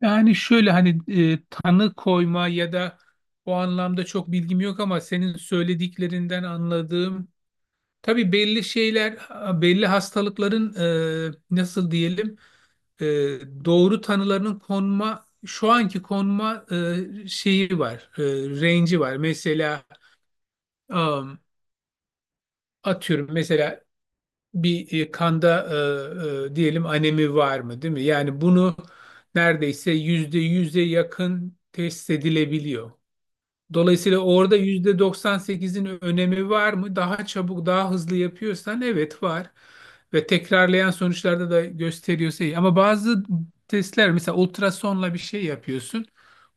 Yani şöyle hani tanı koyma ya da o anlamda çok bilgim yok ama senin söylediklerinden anladığım tabii belli şeyler belli hastalıkların nasıl diyelim e, doğru tanılarının konma şu anki konma şeyi var range'i var. Mesela am, atıyorum mesela bir kanda diyelim anemi var mı değil mi? Yani bunu neredeyse %100'e yakın test edilebiliyor. Dolayısıyla orada %98'in önemi var mı? Daha çabuk, daha hızlı yapıyorsan evet var. Ve tekrarlayan sonuçlarda da gösteriyorsa iyi. Ama bazı testler mesela ultrasonla bir şey yapıyorsun.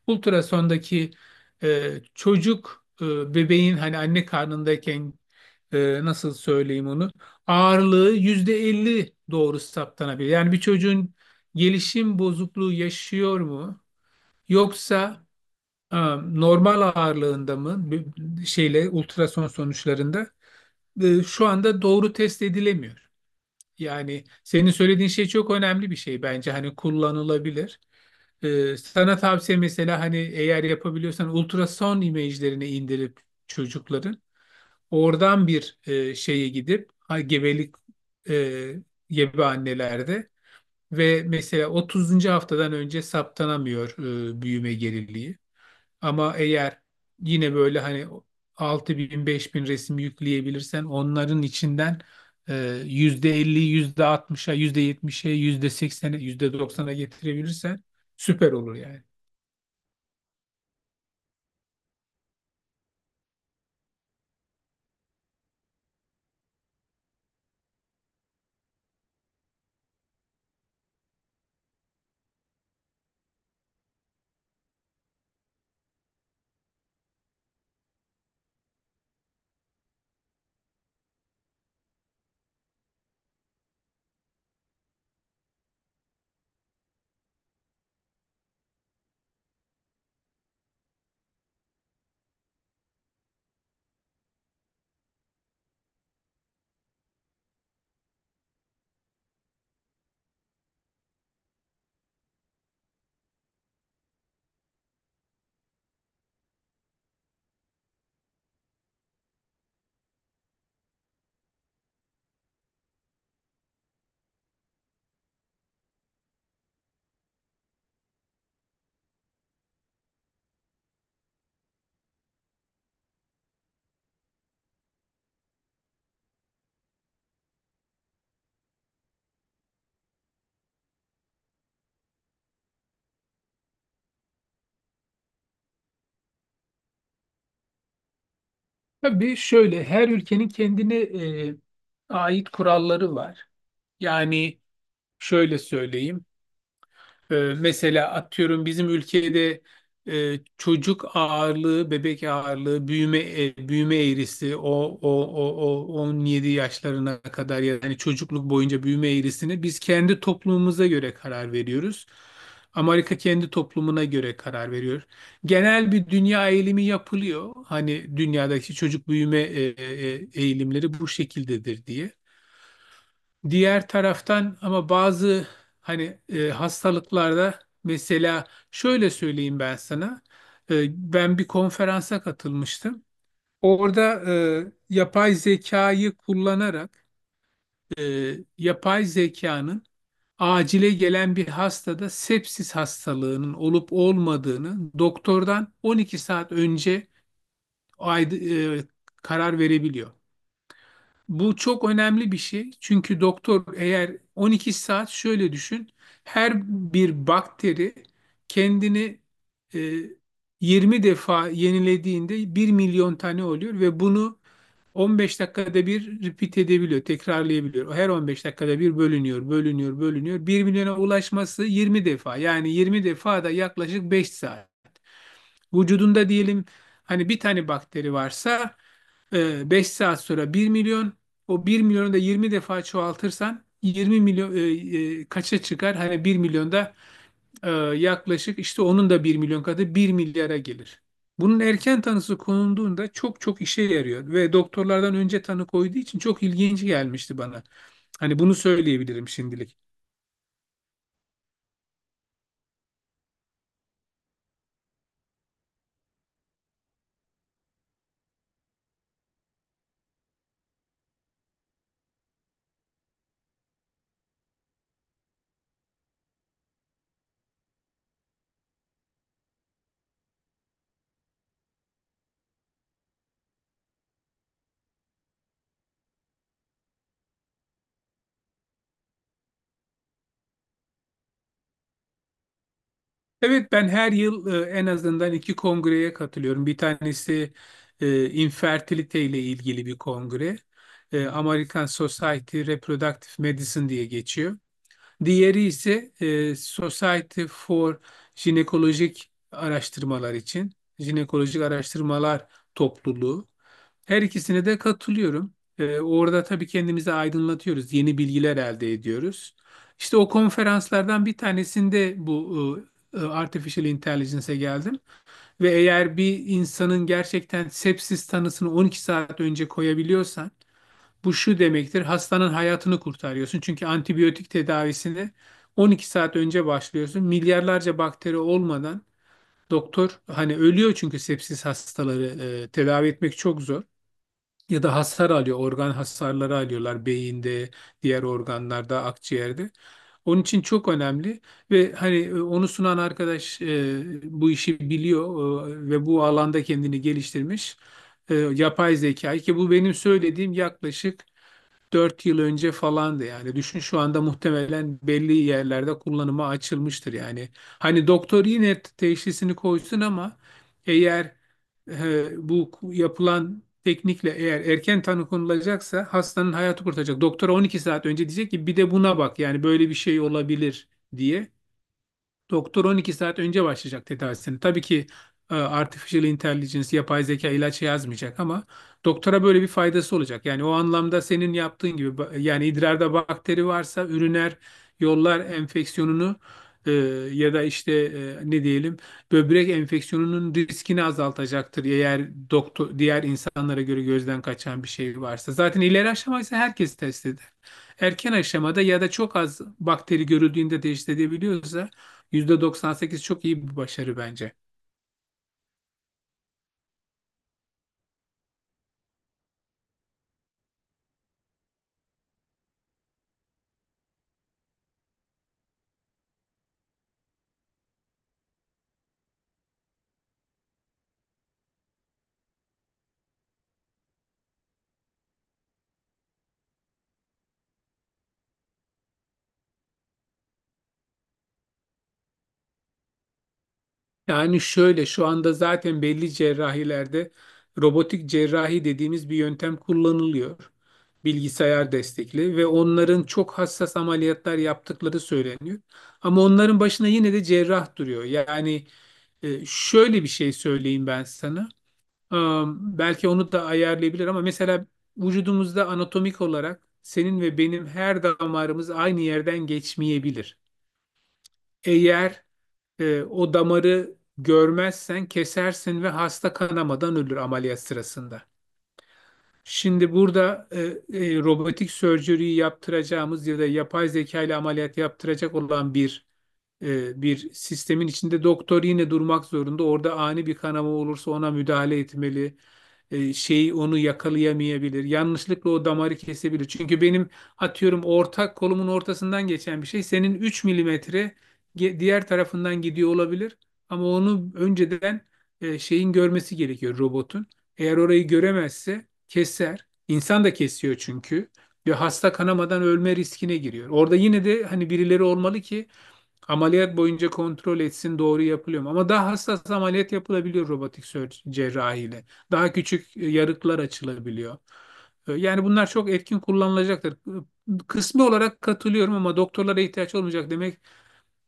Ultrasondaki e, çocuk bebeğin hani anne karnındayken nasıl söyleyeyim onu ağırlığı %50 doğru saptanabilir. Yani bir çocuğun gelişim bozukluğu yaşıyor mu? Yoksa normal ağırlığında mı şeyle ultrason sonuçlarında şu anda doğru test edilemiyor. Yani senin söylediğin şey çok önemli bir şey bence hani kullanılabilir. Sana tavsiye mesela hani eğer yapabiliyorsan ultrason imajlarını indirip çocukların oradan bir şeye gidip ha, gebelik e, gebe annelerde ve mesela 30. haftadan önce saptanamıyor büyüme geriliği. Ama eğer yine böyle hani 6.000 bin resim yükleyebilirsen onların içinden e, %50, %60'a, %70'e, %80'e, %90'a getirebilirsen süper olur yani. Tabii şöyle her ülkenin kendine e, ait kuralları var. Yani şöyle söyleyeyim. Mesela atıyorum bizim ülkede çocuk ağırlığı, bebek ağırlığı, büyüme büyüme eğrisi o 17 yaşlarına kadar yani çocukluk boyunca büyüme eğrisini biz kendi toplumumuza göre karar veriyoruz. Amerika kendi toplumuna göre karar veriyor. Genel bir dünya eğilimi yapılıyor. Hani dünyadaki çocuk büyüme eğilimleri bu şekildedir diye. Diğer taraftan ama bazı hani hastalıklarda mesela şöyle söyleyeyim ben sana. Ben bir konferansa katılmıştım. Orada yapay zekayı kullanarak e, yapay zekanın acile gelen bir hastada sepsis hastalığının olup olmadığını doktordan 12 saat önce ayd- e, karar verebiliyor. Bu çok önemli bir şey. Çünkü doktor eğer 12 saat şöyle düşün. Her bir bakteri kendini e, 20 defa yenilediğinde 1 milyon tane oluyor ve bunu 15 dakikada bir repeat edebiliyor, tekrarlayabiliyor. Her 15 dakikada bir bölünüyor, bölünüyor, bölünüyor. 1 milyona ulaşması 20 defa. Yani 20 defa da yaklaşık 5 saat. Vücudunda diyelim hani bir tane bakteri varsa 5 saat sonra 1 milyon. O 1 milyonu da 20 defa çoğaltırsan 20 milyon kaça çıkar? Hani 1 milyonda e, yaklaşık işte onun da 1 milyon katı 1 milyara gelir. Bunun erken tanısı konulduğunda çok çok işe yarıyor ve doktorlardan önce tanı koyduğu için çok ilginç gelmişti bana. Hani bunu söyleyebilirim şimdilik. Evet, ben her yıl en azından iki kongreye katılıyorum. Bir tanesi infertilite ile ilgili bir kongre. American Society Reproductive Medicine diye geçiyor. Diğeri ise Society for Jinekolojik Araştırmalar için Jinekolojik Araştırmalar Topluluğu. Her ikisine de katılıyorum. Orada tabii kendimizi aydınlatıyoruz, yeni bilgiler elde ediyoruz. İşte o konferanslardan bir tanesinde bu Artificial Intelligence'e geldim ve eğer bir insanın gerçekten sepsis tanısını 12 saat önce koyabiliyorsan bu şu demektir, hastanın hayatını kurtarıyorsun. Çünkü antibiyotik tedavisini 12 saat önce başlıyorsun. Milyarlarca bakteri olmadan doktor hani ölüyor çünkü sepsis hastaları tedavi etmek çok zor. Ya da hasar alıyor, organ hasarları alıyorlar beyinde, diğer organlarda, akciğerde. Onun için çok önemli ve hani onu sunan arkadaş bu işi biliyor ve bu alanda kendini geliştirmiş. Yapay zekayı ki bu benim söylediğim yaklaşık 4 yıl önce falandı yani. Düşün, şu anda muhtemelen belli yerlerde kullanıma açılmıştır yani. Hani doktor yine teşhisini koysun ama eğer bu yapılan teknikle eğer erken tanı konulacaksa hastanın hayatı kurtaracak. Doktora 12 saat önce diyecek ki bir de buna bak yani böyle bir şey olabilir diye. Doktor 12 saat önce başlayacak tedavisini. Tabii ki artificial intelligence, yapay zeka ilaç yazmayacak ama doktora böyle bir faydası olacak. Yani o anlamda senin yaptığın gibi yani idrarda bakteri varsa üriner yollar enfeksiyonunu e, ya da işte ne diyelim böbrek enfeksiyonunun riskini azaltacaktır eğer doktor diğer insanlara göre gözden kaçan bir şey varsa. Zaten ileri aşamaysa herkes test eder. Erken aşamada ya da çok az bakteri görüldüğünde test edebiliyorsa %98 çok iyi bir başarı bence. Yani şöyle, şu anda zaten belli cerrahilerde robotik cerrahi dediğimiz bir yöntem kullanılıyor. Bilgisayar destekli ve onların çok hassas ameliyatlar yaptıkları söyleniyor. Ama onların başına yine de cerrah duruyor. Yani şöyle bir şey söyleyeyim ben sana. Belki onu da ayarlayabilir ama mesela vücudumuzda anatomik olarak senin ve benim her damarımız aynı yerden geçmeyebilir. Eğer o damarı görmezsen kesersin ve hasta kanamadan ölür ameliyat sırasında. Şimdi burada robotik sörceriyi yaptıracağımız ya da yapay zeka ile ameliyat yaptıracak olan bir sistemin içinde doktor yine durmak zorunda. Orada ani bir kanama olursa ona müdahale etmeli. Şeyi onu yakalayamayabilir. Yanlışlıkla o damarı kesebilir. Çünkü benim atıyorum ortak kolumun ortasından geçen bir şey senin 3 mm diğer tarafından gidiyor olabilir. Ama onu önceden şeyin görmesi gerekiyor robotun. Eğer orayı göremezse keser. İnsan da kesiyor çünkü. Ve hasta kanamadan ölme riskine giriyor. Orada yine de hani birileri olmalı ki ameliyat boyunca kontrol etsin doğru yapılıyor mu. Ama daha hassas ameliyat yapılabiliyor robotik cerrahiyle. Daha küçük yarıklar açılabiliyor. Yani bunlar çok etkin kullanılacaktır. Kısmi olarak katılıyorum ama doktorlara ihtiyaç olmayacak demek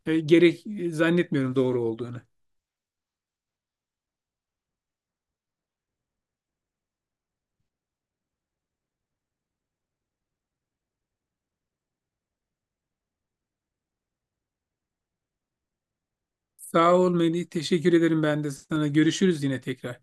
gerek zannetmiyorum doğru olduğunu. Sağ ol Melih. Teşekkür ederim ben de sana. Görüşürüz yine tekrar.